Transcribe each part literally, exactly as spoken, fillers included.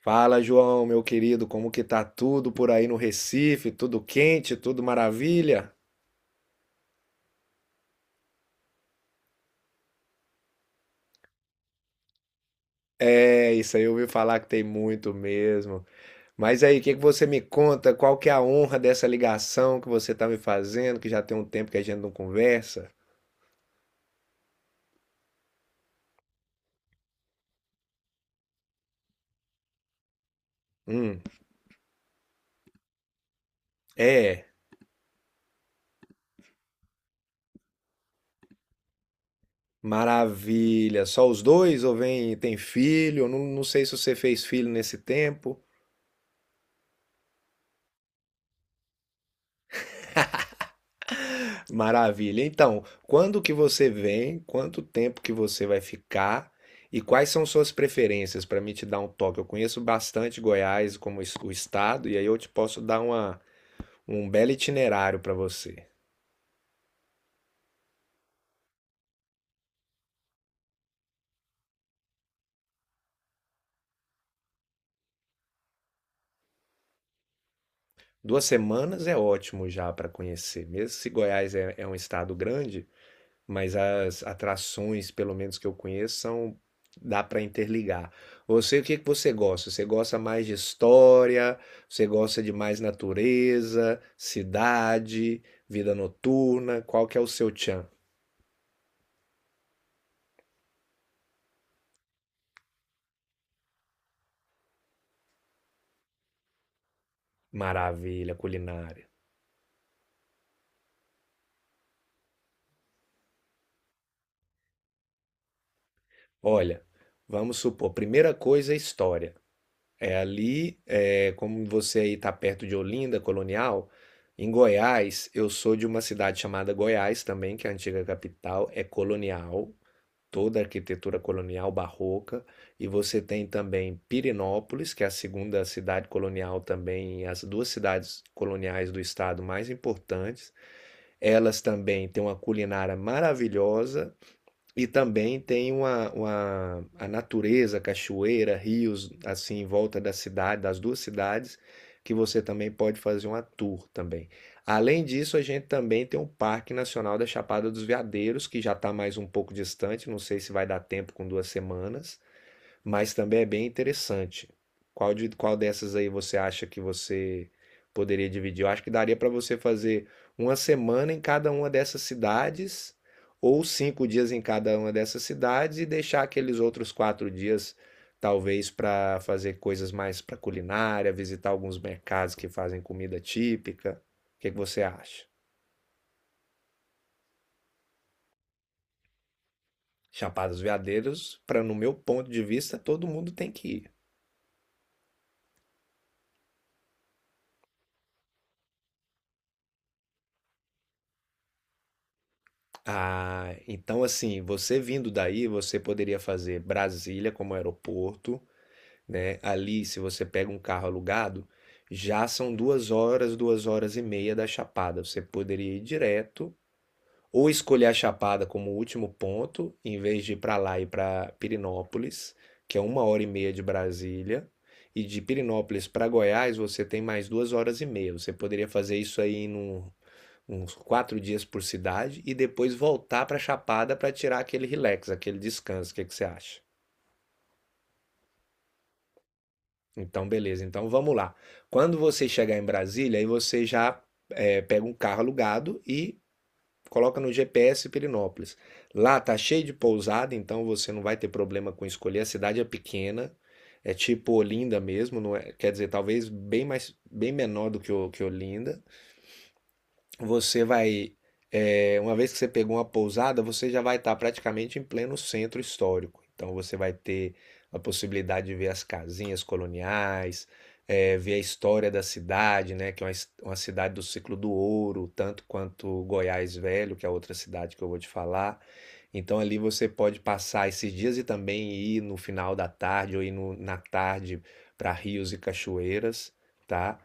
Fala, João, meu querido, como que tá tudo por aí no Recife? Tudo quente, tudo maravilha? É, isso aí eu ouvi falar que tem muito mesmo. Mas aí, o que que você me conta? Qual que é a honra dessa ligação que você tá me fazendo, que já tem um tempo que a gente não conversa? Hum. É. Maravilha. Só os dois ou vem, tem filho? Eu Não, não sei se você fez filho nesse tempo. Maravilha. Então, quando que você vem? Quanto tempo que você vai ficar? E quais são suas preferências para me te dar um toque? Eu conheço bastante Goiás como es- o estado e aí eu te posso dar uma, um belo itinerário para você. Duas semanas é ótimo já para conhecer, mesmo se Goiás é, é um estado grande, mas as atrações, pelo menos que eu conheço, são dá para interligar. Você, o que que você gosta? Você gosta mais de história? Você gosta de mais natureza, cidade, vida noturna? Qual que é o seu tchan? Maravilha, culinária. Olha, vamos supor, primeira coisa é história. É ali, é, como você aí está perto de Olinda, colonial, em Goiás, eu sou de uma cidade chamada Goiás também, que é a antiga capital, é colonial, toda a arquitetura colonial barroca, e você tem também Pirenópolis, que é a segunda cidade colonial também, as duas cidades coloniais do estado mais importantes. Elas também têm uma culinária maravilhosa e também tem uma, uma- a natureza, cachoeira, rios, assim, em volta da cidade, das duas cidades, que você também pode fazer uma tour também. Além disso, a gente também tem o Parque Nacional da Chapada dos Veadeiros, que já está mais um pouco distante, não sei se vai dar tempo com duas semanas, mas também é bem interessante. Qual de, qual dessas aí você acha que você poderia dividir? Eu acho que daria para você fazer uma semana em cada uma dessas cidades, ou cinco dias em cada uma dessas cidades, e deixar aqueles outros quatro dias, talvez, para fazer coisas mais para culinária, visitar alguns mercados que fazem comida típica. O que que você acha? Chapada dos Veadeiros, para no meu ponto de vista, todo mundo tem que ir. Ah, então assim, você vindo daí, você poderia fazer Brasília como aeroporto, né? Ali, se você pega um carro alugado, já são duas horas, duas horas e meia da Chapada. Você poderia ir direto, ou escolher a Chapada como último ponto, em vez de ir para lá e para Pirinópolis, que é uma hora e meia de Brasília. E de Pirinópolis para Goiás, você tem mais duas horas e meia. Você poderia fazer isso aí num, uns quatro dias por cidade e depois voltar para Chapada para tirar aquele relax, aquele descanso. O que que você acha? Então, beleza. Então, vamos lá. Quando você chegar em Brasília, aí você já eh, pega um carro alugado e coloca no G P S Pirinópolis. Lá tá cheio de pousada, então você não vai ter problema com escolher. A cidade é pequena, é tipo Olinda mesmo, não é- quer dizer, talvez bem mais, bem menor do que, o- que Olinda. Você vai, é, uma vez que você pegou uma pousada, você já vai estar praticamente em pleno centro histórico. Então você vai ter a possibilidade de ver as casinhas coloniais, é, ver a história da cidade, né? Que é uma, his- uma cidade do ciclo do ouro, tanto quanto Goiás Velho, que é a outra cidade que eu vou te falar. Então ali você pode passar esses dias e também ir no final da tarde ou ir no- na tarde para rios e cachoeiras, tá?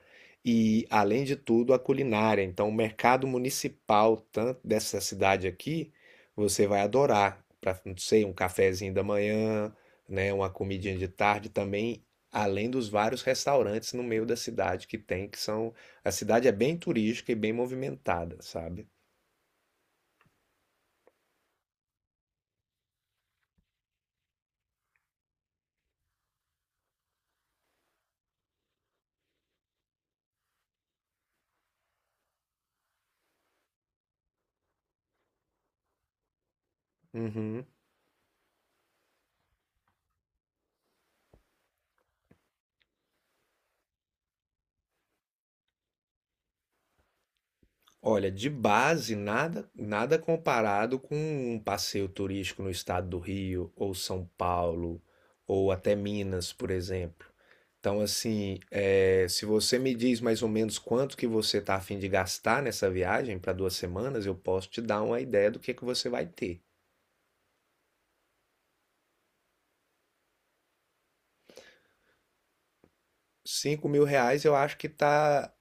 E, além de tudo, a culinária. Então, o mercado municipal tanto dessa cidade aqui, você vai adorar. Para, não sei, um cafezinho da manhã, né, uma comidinha de tarde também, além dos vários restaurantes no meio da cidade que tem, que são... A cidade é bem turística e bem movimentada, sabe? Uhum. Olha, de base, nada, nada comparado com um passeio turístico no estado do Rio, ou São Paulo, ou até Minas, por exemplo. Então, assim, eh, se você me diz mais ou menos quanto que você está a fim de gastar nessa viagem para duas semanas, eu posso te dar uma ideia do que que você vai ter. Cinco mil reais eu acho que tá.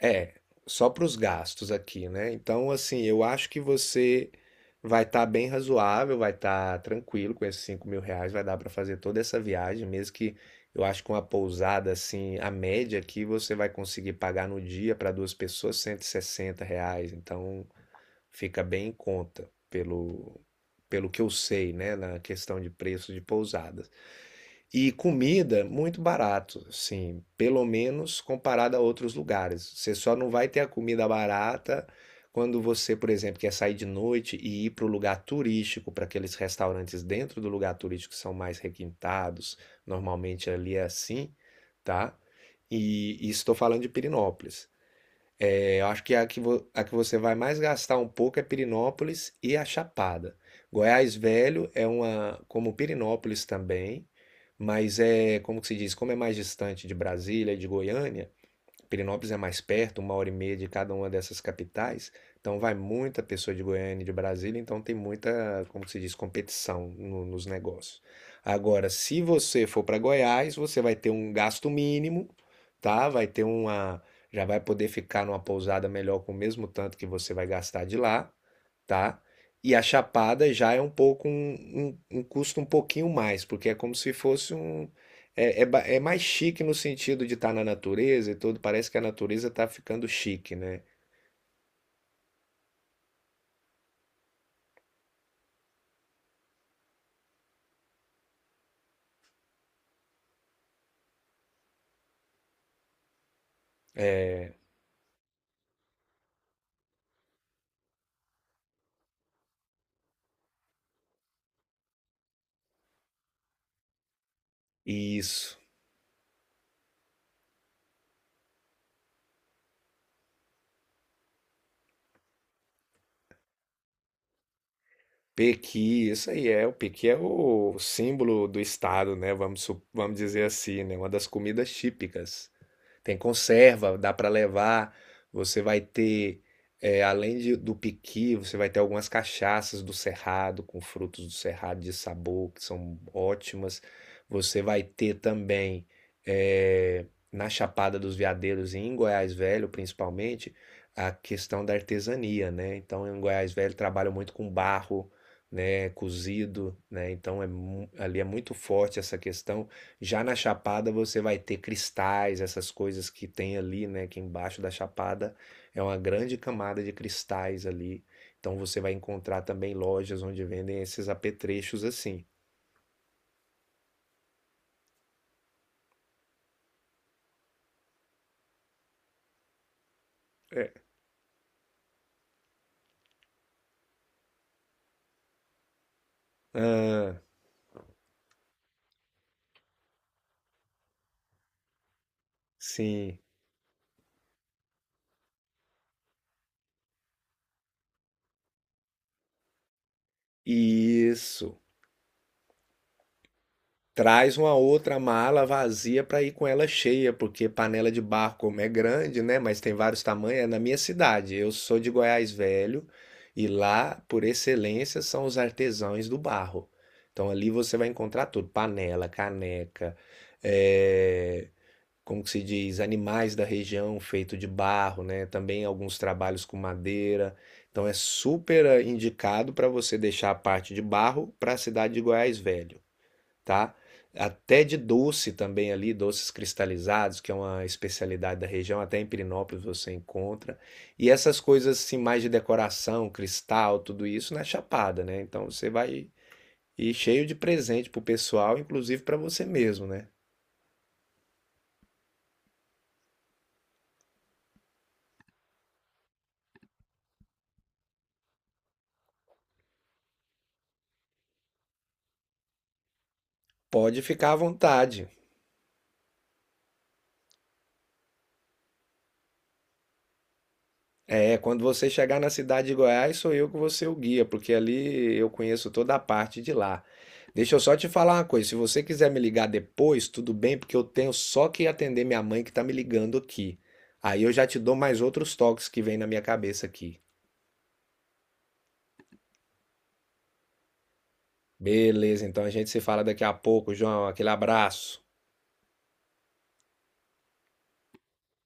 É, só para os gastos aqui, né? Então, assim, eu acho que você vai estar bem razoável, vai estar tranquilo com esses cinco mil reais, vai dar para fazer toda essa viagem, mesmo que eu acho que uma pousada, assim, a média aqui você vai conseguir pagar no dia para duas pessoas cento e sessenta reais. Então. Fica bem em conta, pelo, pelo que eu sei, né, na questão de preço de pousadas. E comida muito barato, assim, pelo menos comparado a outros lugares. Você só não vai ter a comida barata quando você, por exemplo, quer sair de noite e ir para o lugar turístico, para aqueles restaurantes dentro do lugar turístico que são mais requintados. Normalmente ali é assim, tá? E, e estou falando de Pirinópolis. É, eu acho que a que, vo- a que você vai mais gastar um pouco é Pirinópolis e a Chapada. Goiás Velho é uma, como Pirinópolis também, mas é, como que se diz, como é mais distante de Brasília e de Goiânia, Pirinópolis é mais perto, uma hora e meia de cada uma dessas capitais, então vai muita pessoa de Goiânia e de Brasília, então tem muita, como se diz, competição no- nos negócios. Agora, se você for para Goiás, você vai ter um gasto mínimo, tá? Vai ter uma, já vai poder ficar numa pousada melhor com o mesmo tanto que você vai gastar de lá, tá? E a Chapada já é um pouco um, um- um custo um pouquinho mais, porque é como se fosse um, é, é, ba- é mais chique no sentido de estar na natureza e tudo. Parece que a natureza está ficando chique, né? É, isso. Pequi, isso aí é. O pequi é o símbolo do estado, né? Vamos, su- vamos dizer assim, né? Uma das comidas típicas. Tem conserva, dá para levar. Você vai ter, é, além de- do piqui, você vai ter algumas cachaças do cerrado, com frutos do cerrado de sabor, que são ótimas. Você vai ter também, é, na Chapada dos Veadeiros e em Goiás Velho, principalmente, a questão da artesania, né? Então, em Goiás Velho, trabalham muito com barro, né? Cozido, né? Então, é, mu- ali é muito forte essa questão. Já na Chapada você vai ter cristais, essas coisas que tem ali, né? Que embaixo da Chapada é uma grande camada de cristais ali. Então você vai encontrar também lojas onde vendem esses apetrechos assim. É. Ah, sim. Isso. Traz uma outra mala vazia para ir com ela cheia, porque panela de barro, como é grande, né? Mas tem vários tamanhos, é na minha cidade. Eu sou de Goiás Velho e lá, por excelência, são os artesãos do barro. Então ali você vai encontrar tudo: panela, caneca, eh, como que se diz, animais da região feito de barro, né? Também alguns trabalhos com madeira. Então é super eh, indicado para você deixar a parte de barro para a cidade de Goiás Velho, tá? Até de doce também ali, doces cristalizados, que é uma especialidade da região, até em Pirinópolis você encontra. E essas coisas assim, mais de decoração, cristal, tudo isso na Chapada, né? Então você vai ir cheio de presente pro pessoal, inclusive para você mesmo, né? Pode ficar à vontade. É, quando você chegar na cidade de Goiás, sou eu que vou ser o guia, porque ali eu conheço toda a parte de lá. Deixa eu só te falar uma coisa, se você quiser me ligar depois, tudo bem, porque eu tenho só que atender minha mãe que tá me ligando aqui. Aí eu já te dou mais outros toques que vem na minha cabeça aqui. Beleza, então a gente se fala daqui a pouco, João. Aquele abraço.